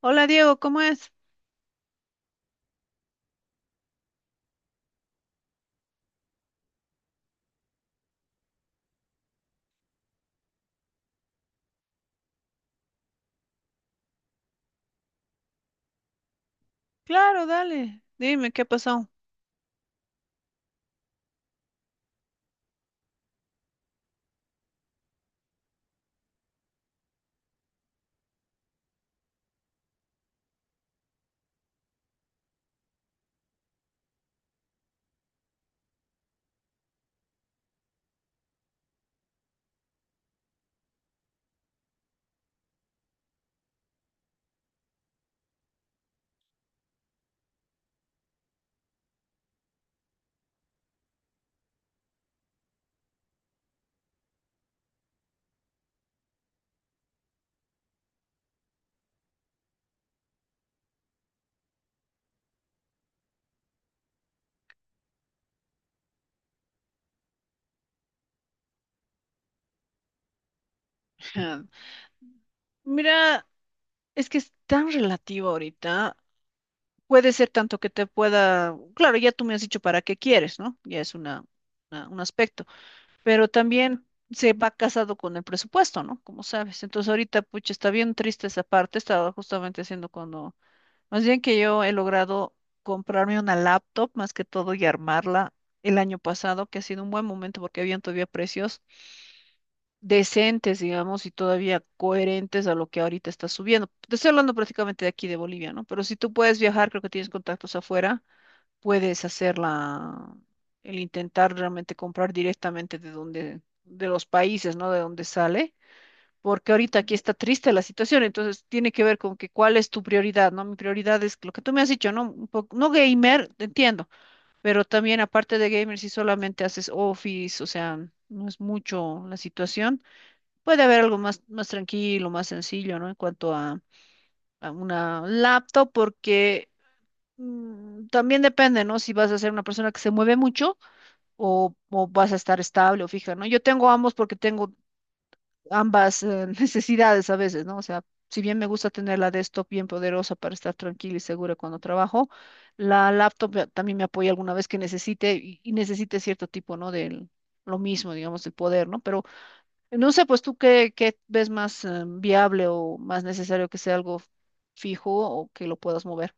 Hola Diego, ¿cómo es? Claro, dale, dime qué pasó. Mira, es que es tan relativo ahorita. Puede ser tanto que te pueda, claro, ya tú me has dicho para qué quieres, ¿no? Ya es un aspecto, pero también se va casado con el presupuesto, ¿no? Como sabes. Entonces ahorita, pucha, está bien triste esa parte. Estaba justamente haciendo cuando, más bien que yo he logrado comprarme una laptop más que todo y armarla el año pasado, que ha sido un buen momento porque habían todavía precios decentes, digamos, y todavía coherentes a lo que ahorita está subiendo. Te estoy hablando prácticamente de aquí de Bolivia, ¿no? Pero si tú puedes viajar, creo que tienes contactos afuera, puedes hacer el intentar realmente comprar directamente de donde, de los países, ¿no? De donde sale. Porque ahorita aquí está triste la situación, entonces tiene que ver con que cuál es tu prioridad, ¿no? Mi prioridad es lo que tú me has dicho, ¿no? Un poco, no gamer, te entiendo, pero también aparte de gamer, si solamente haces office, o sea, no es mucho la situación. Puede haber algo más, más tranquilo, más sencillo, ¿no? En cuanto a una laptop, porque también depende, ¿no? Si vas a ser una persona que se mueve mucho o, o vas a estar estable o fija, ¿no? Yo tengo ambos porque tengo ambas necesidades a veces, ¿no? O sea, si bien me gusta tener la desktop bien poderosa para estar tranquila y segura cuando trabajo, la laptop también me apoya alguna vez que necesite y necesite cierto tipo, ¿no? Del, lo mismo, digamos, el poder, ¿no? Pero no sé, pues tú qué, qué ves más viable o más necesario que sea algo fijo o que lo puedas mover.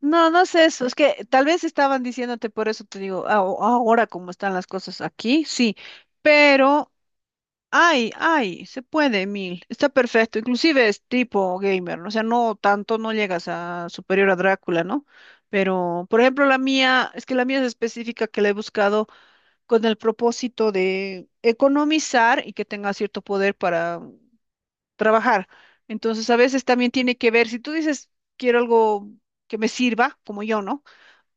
No, no sé eso. Es que tal vez estaban diciéndote por eso te digo, ahora como están las cosas aquí, sí. Pero, ay, ay, se puede, mil está perfecto. Inclusive es tipo gamer, ¿no? O sea, no tanto, no llegas a superior a Drácula, ¿no? Pero, por ejemplo, la mía, es que la mía es específica que la he buscado con el propósito de economizar y que tenga cierto poder para trabajar. Entonces, a veces también tiene que ver, si tú dices, quiero algo que me sirva, como yo, ¿no?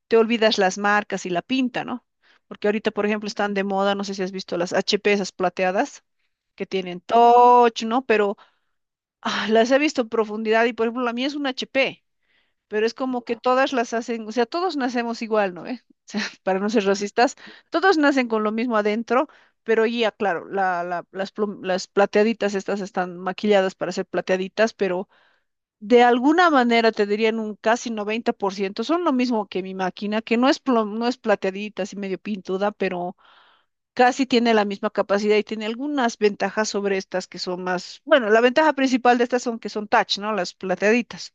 Te olvidas las marcas y la pinta, ¿no? Porque ahorita, por ejemplo, están de moda, no sé si has visto las HP, esas plateadas, que tienen touch, ¿no? Pero ah, las he visto en profundidad y, por ejemplo, la mía es una HP, pero es como que todas las hacen, o sea, todos nacemos igual, ¿no? ¿Eh? O sea, para no ser racistas, todos nacen con lo mismo adentro. Pero ya, claro, las plateaditas estas están maquilladas para ser plateaditas, pero de alguna manera te dirían un casi 90% son lo mismo que mi máquina, que no es, no es plateadita, así medio pintuda, pero casi tiene la misma capacidad y tiene algunas ventajas sobre estas que son más, bueno, la ventaja principal de estas son que son touch, ¿no? Las plateaditas.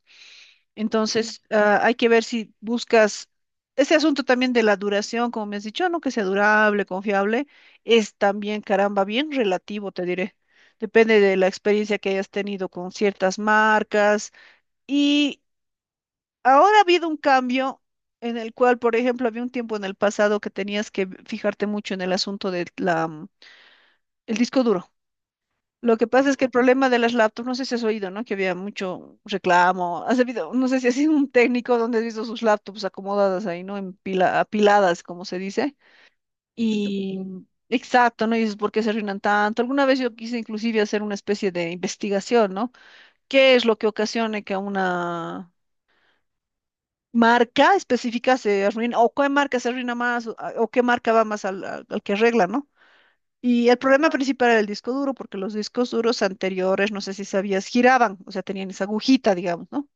Entonces, ah, hay que ver si buscas ese asunto también de la duración, como me has dicho, ¿no? Que sea durable, confiable, es también, caramba, bien relativo, te diré. Depende de la experiencia que hayas tenido con ciertas marcas. Y ahora ha habido un cambio en el cual, por ejemplo, había un tiempo en el pasado que tenías que fijarte mucho en el asunto del disco duro. Lo que pasa es que el problema de las laptops, no sé si has oído, ¿no? Que había mucho reclamo. Has habido, no sé si has sido un técnico donde has visto sus laptops acomodadas ahí, ¿no? En apiladas, como se dice. Y exacto, ¿no? Y dices, ¿por qué se arruinan tanto? Alguna vez yo quise inclusive hacer una especie de investigación, ¿no? ¿Qué es lo que ocasiona que a una marca específica se arruina, o qué marca se arruina más, o, o qué marca va más al, al que arregla, ¿no? Y el problema principal era el disco duro, porque los discos duros anteriores, no sé si sabías, giraban, o sea, tenían esa agujita, digamos, ¿no?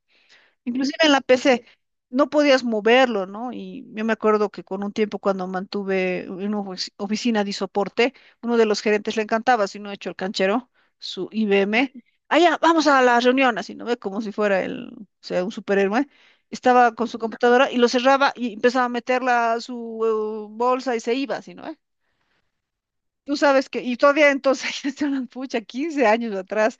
Inclusive en la PC no podías moverlo, ¿no? Y yo me acuerdo que con un tiempo cuando mantuve una oficina de soporte, uno de los gerentes le encantaba, si no he hecho el canchero, su IBM, allá, vamos a la reunión, así, ¿no ve? Como si fuera el, o sea, un superhéroe. Estaba con su computadora y lo cerraba y empezaba a meterla a su bolsa y se iba, así, ¿no ve? Tú sabes que, y todavía entonces, ya se pucha, 15 años atrás,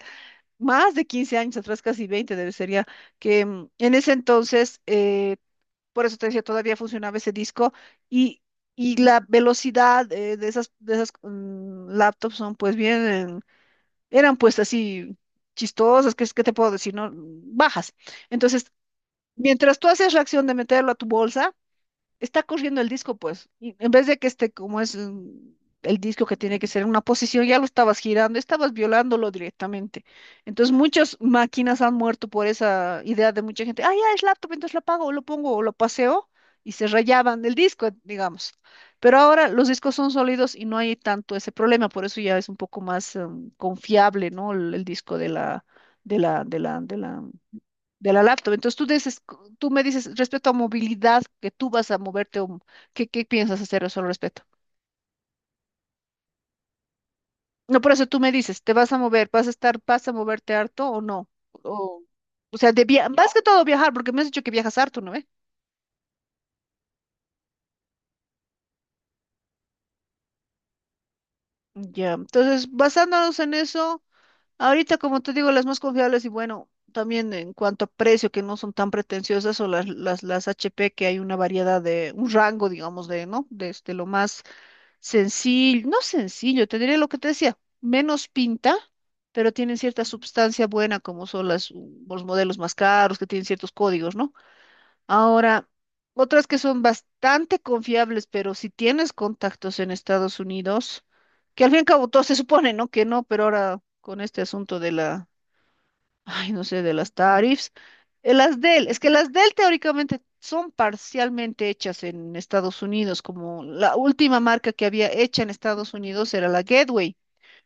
más de 15 años atrás, casi 20 debe ser ya, que en ese entonces, por eso te decía, todavía funcionaba ese disco y, y la velocidad de esas laptops son pues bien, eran pues así chistosas, ¿qué, qué te puedo decir? ¿No? Bajas. Entonces, mientras tú haces la acción de meterlo a tu bolsa, está corriendo el disco, pues, y en vez de que esté como es el disco que tiene que ser en una posición, ya lo estabas girando, estabas violándolo directamente. Entonces, muchas máquinas han muerto por esa idea de mucha gente, ah, ya es laptop, entonces la apago, o lo pongo, o lo paseo, y se rayaban el disco, digamos. Pero ahora los discos son sólidos y no hay tanto ese problema, por eso ya es un poco más, confiable, ¿no? El disco de la de la laptop. Entonces tú dices, tú me dices respecto a movilidad, que tú vas a moverte, o ¿qué, qué piensas hacer eso al respecto? No, por eso tú me dices, ¿te vas a mover? ¿Vas a estar, vas a moverte harto o no? O, o sea, de más que todo viajar, porque me has dicho que viajas harto, ¿no ve? Ya, entonces basándonos en eso, ahorita como te digo, las más confiables y bueno, también en cuanto a precio, que no son tan pretenciosas, o las HP, que hay una variedad de, un rango, digamos, de, ¿no? Desde lo más sencillo, no sencillo, tendría lo que te decía, menos pinta, pero tienen cierta sustancia buena, como son las, los modelos más caros, que tienen ciertos códigos, ¿no? Ahora, otras que son bastante confiables, pero si tienes contactos en Estados Unidos, que al fin y al cabo todo se supone, ¿no? Que no, pero ahora con este asunto de la ay, no sé, de las tarifas. Las Dell, es que las Dell teóricamente son parcialmente hechas en Estados Unidos, como la última marca que había hecha en Estados Unidos era la Gateway,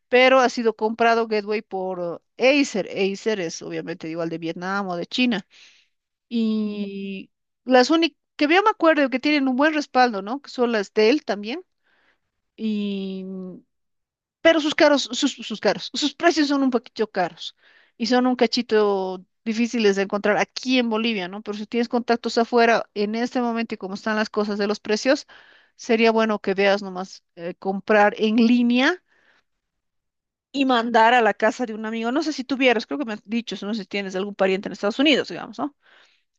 pero ha sido comprado Gateway por Acer. Acer es obviamente igual de Vietnam o de China. Y las únicas que yo me acuerdo que tienen un buen respaldo, ¿no? Que son las Dell también. Y pero sus caros, sus caros, sus precios son un poquito caros y son un cachito difíciles de encontrar aquí en Bolivia, ¿no? Pero si tienes contactos afuera, en este momento y como están las cosas de los precios, sería bueno que veas nomás comprar en línea y mandar a la casa de un amigo. No sé si tuvieras, creo que me has dicho, no sé si tienes algún pariente en Estados Unidos, digamos, ¿no?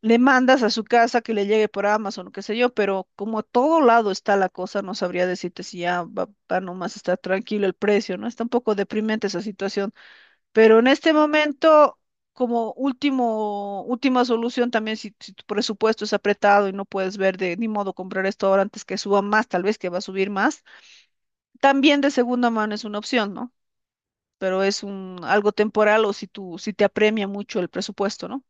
Le mandas a su casa que le llegue por Amazon, qué sé yo, pero como a todo lado está la cosa, no sabría decirte si ya va, va nomás está tranquilo el precio, ¿no? Está un poco deprimente esa situación, pero en este momento, como último, última solución también, si, si tu presupuesto es apretado y no puedes ver de ni modo comprar esto ahora antes que suba más, tal vez que va a subir más, también de segunda mano es una opción, ¿no? Pero es un algo temporal o si tú, si te apremia mucho el presupuesto, ¿no?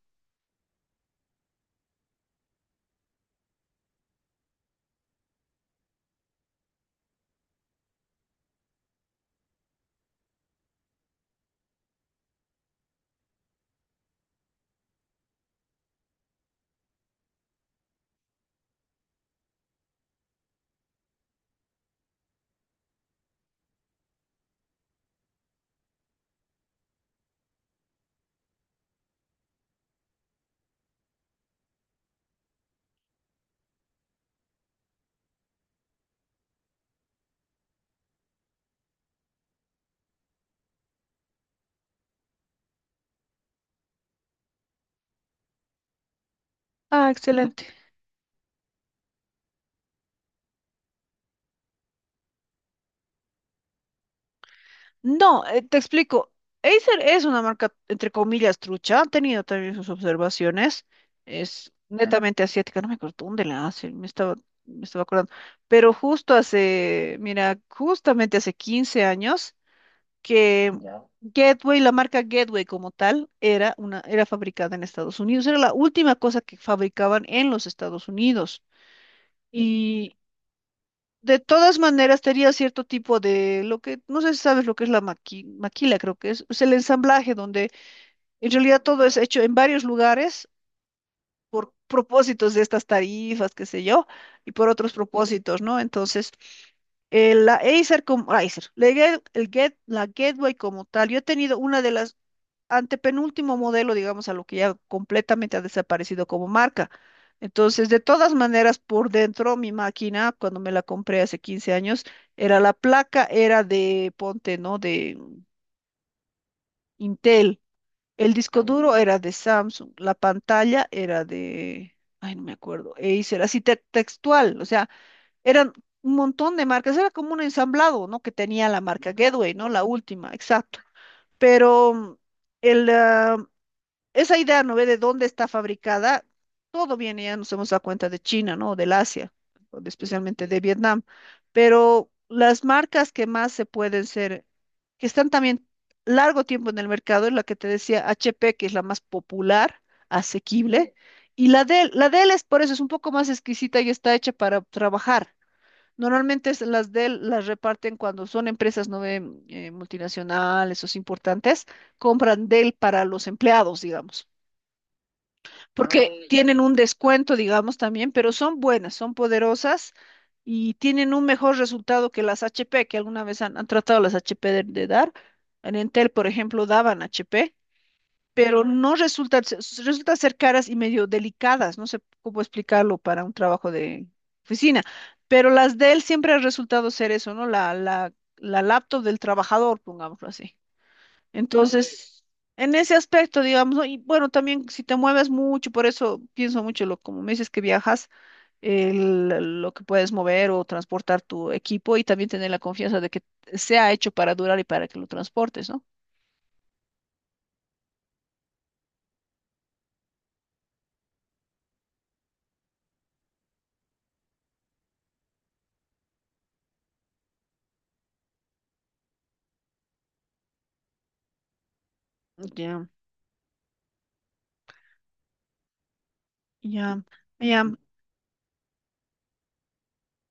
Ah, excelente. No, te explico. Acer es una marca, entre comillas, trucha. Han tenido también sus observaciones. Es netamente asiática. No me acuerdo dónde la hacen. Me estaba acordando. Pero justo hace, mira, justamente hace 15 años que Gateway, la marca Gateway como tal, era una, era fabricada en Estados Unidos. Era la última cosa que fabricaban en los Estados Unidos. De todas maneras, tenía cierto tipo de lo que, no sé si sabes lo que es la maquila, creo que es el ensamblaje, donde en realidad todo es hecho en varios lugares por propósitos de estas tarifas, qué sé yo, y por otros propósitos, ¿no? Entonces, la Acer como, Acer, la, la Gateway como tal, yo he tenido una de las antepenúltimo modelo, digamos, a lo que ya completamente ha desaparecido como marca. Entonces, de todas maneras, por dentro, mi máquina, cuando me la compré hace 15 años, era la placa, era de, ponte, ¿no? De Intel. El disco duro era de Samsung. La pantalla era de, ay, no me acuerdo, Acer, así textual. O sea, eran un montón de marcas. Era como un ensamblado, ¿no? Que tenía la marca Gateway, ¿no? La última, exacto. Pero el, ah, esa idea, ¿no ve? De dónde está fabricada, todo viene, ya nos hemos dado cuenta de China, ¿no? Del Asia, o especialmente de Vietnam. Pero las marcas que más se pueden ser, que están también largo tiempo en el mercado, es la que te decía HP, que es la más popular, asequible, y la Dell es por eso, es un poco más exquisita y está hecha para trabajar. Normalmente las Dell las reparten cuando son empresas no ve, multinacionales o importantes, compran Dell para los empleados, digamos porque tienen un descuento, digamos, también, pero son buenas, son poderosas y tienen un mejor resultado que las HP, que alguna vez han, han tratado las HP de dar. En Entel, por ejemplo, daban HP, pero no resulta, resulta ser caras y medio delicadas, no sé cómo explicarlo para un trabajo de oficina, pero las de él siempre ha resultado ser eso, ¿no? La laptop del trabajador, pongámoslo así. Entonces, en ese aspecto, digamos, ¿no? Y bueno, también si te mueves mucho, por eso pienso mucho, lo, como me dices que viajas, lo que puedes mover o transportar tu equipo y también tener la confianza de que sea hecho para durar y para que lo transportes, ¿no? Ya, ya, ya,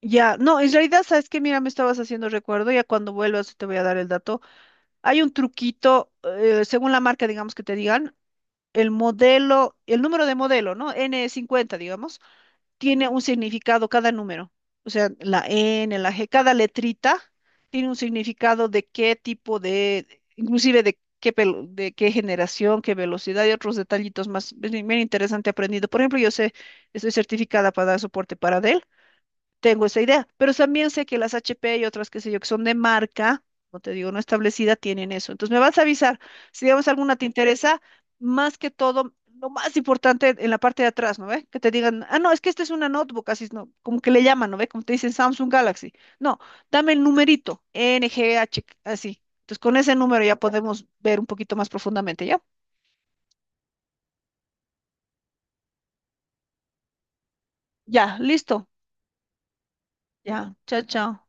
ya. No, en realidad, ¿sabes que mira, me estabas haciendo recuerdo, ya cuando vuelvas te voy a dar el dato. Hay un truquito, según la marca, digamos que te digan, el modelo, el número de modelo, ¿no? N50, digamos. Tiene un significado cada número. O sea, la N, la G, cada letrita tiene un significado de qué tipo de, inclusive de qué, de qué generación, qué velocidad y otros detallitos más. Es bien, bien interesante aprendido. Por ejemplo, yo sé, estoy certificada para dar soporte para Dell, tengo esa idea, pero también sé que las HP y otras, qué sé yo, que son de marca, como te digo, no establecida, tienen eso. Entonces me vas a avisar si digamos alguna te interesa, más que todo, lo más importante en la parte de atrás, ¿no ve? Que te digan, ah, no, es que esta es una notebook, así, ¿no? Como que le llaman, ¿no ve? Como te dicen Samsung Galaxy. No, dame el numerito, NGH, así. Entonces con ese número ya podemos ver un poquito más profundamente, ¿ya? Ya, listo. Ya, chao, chao.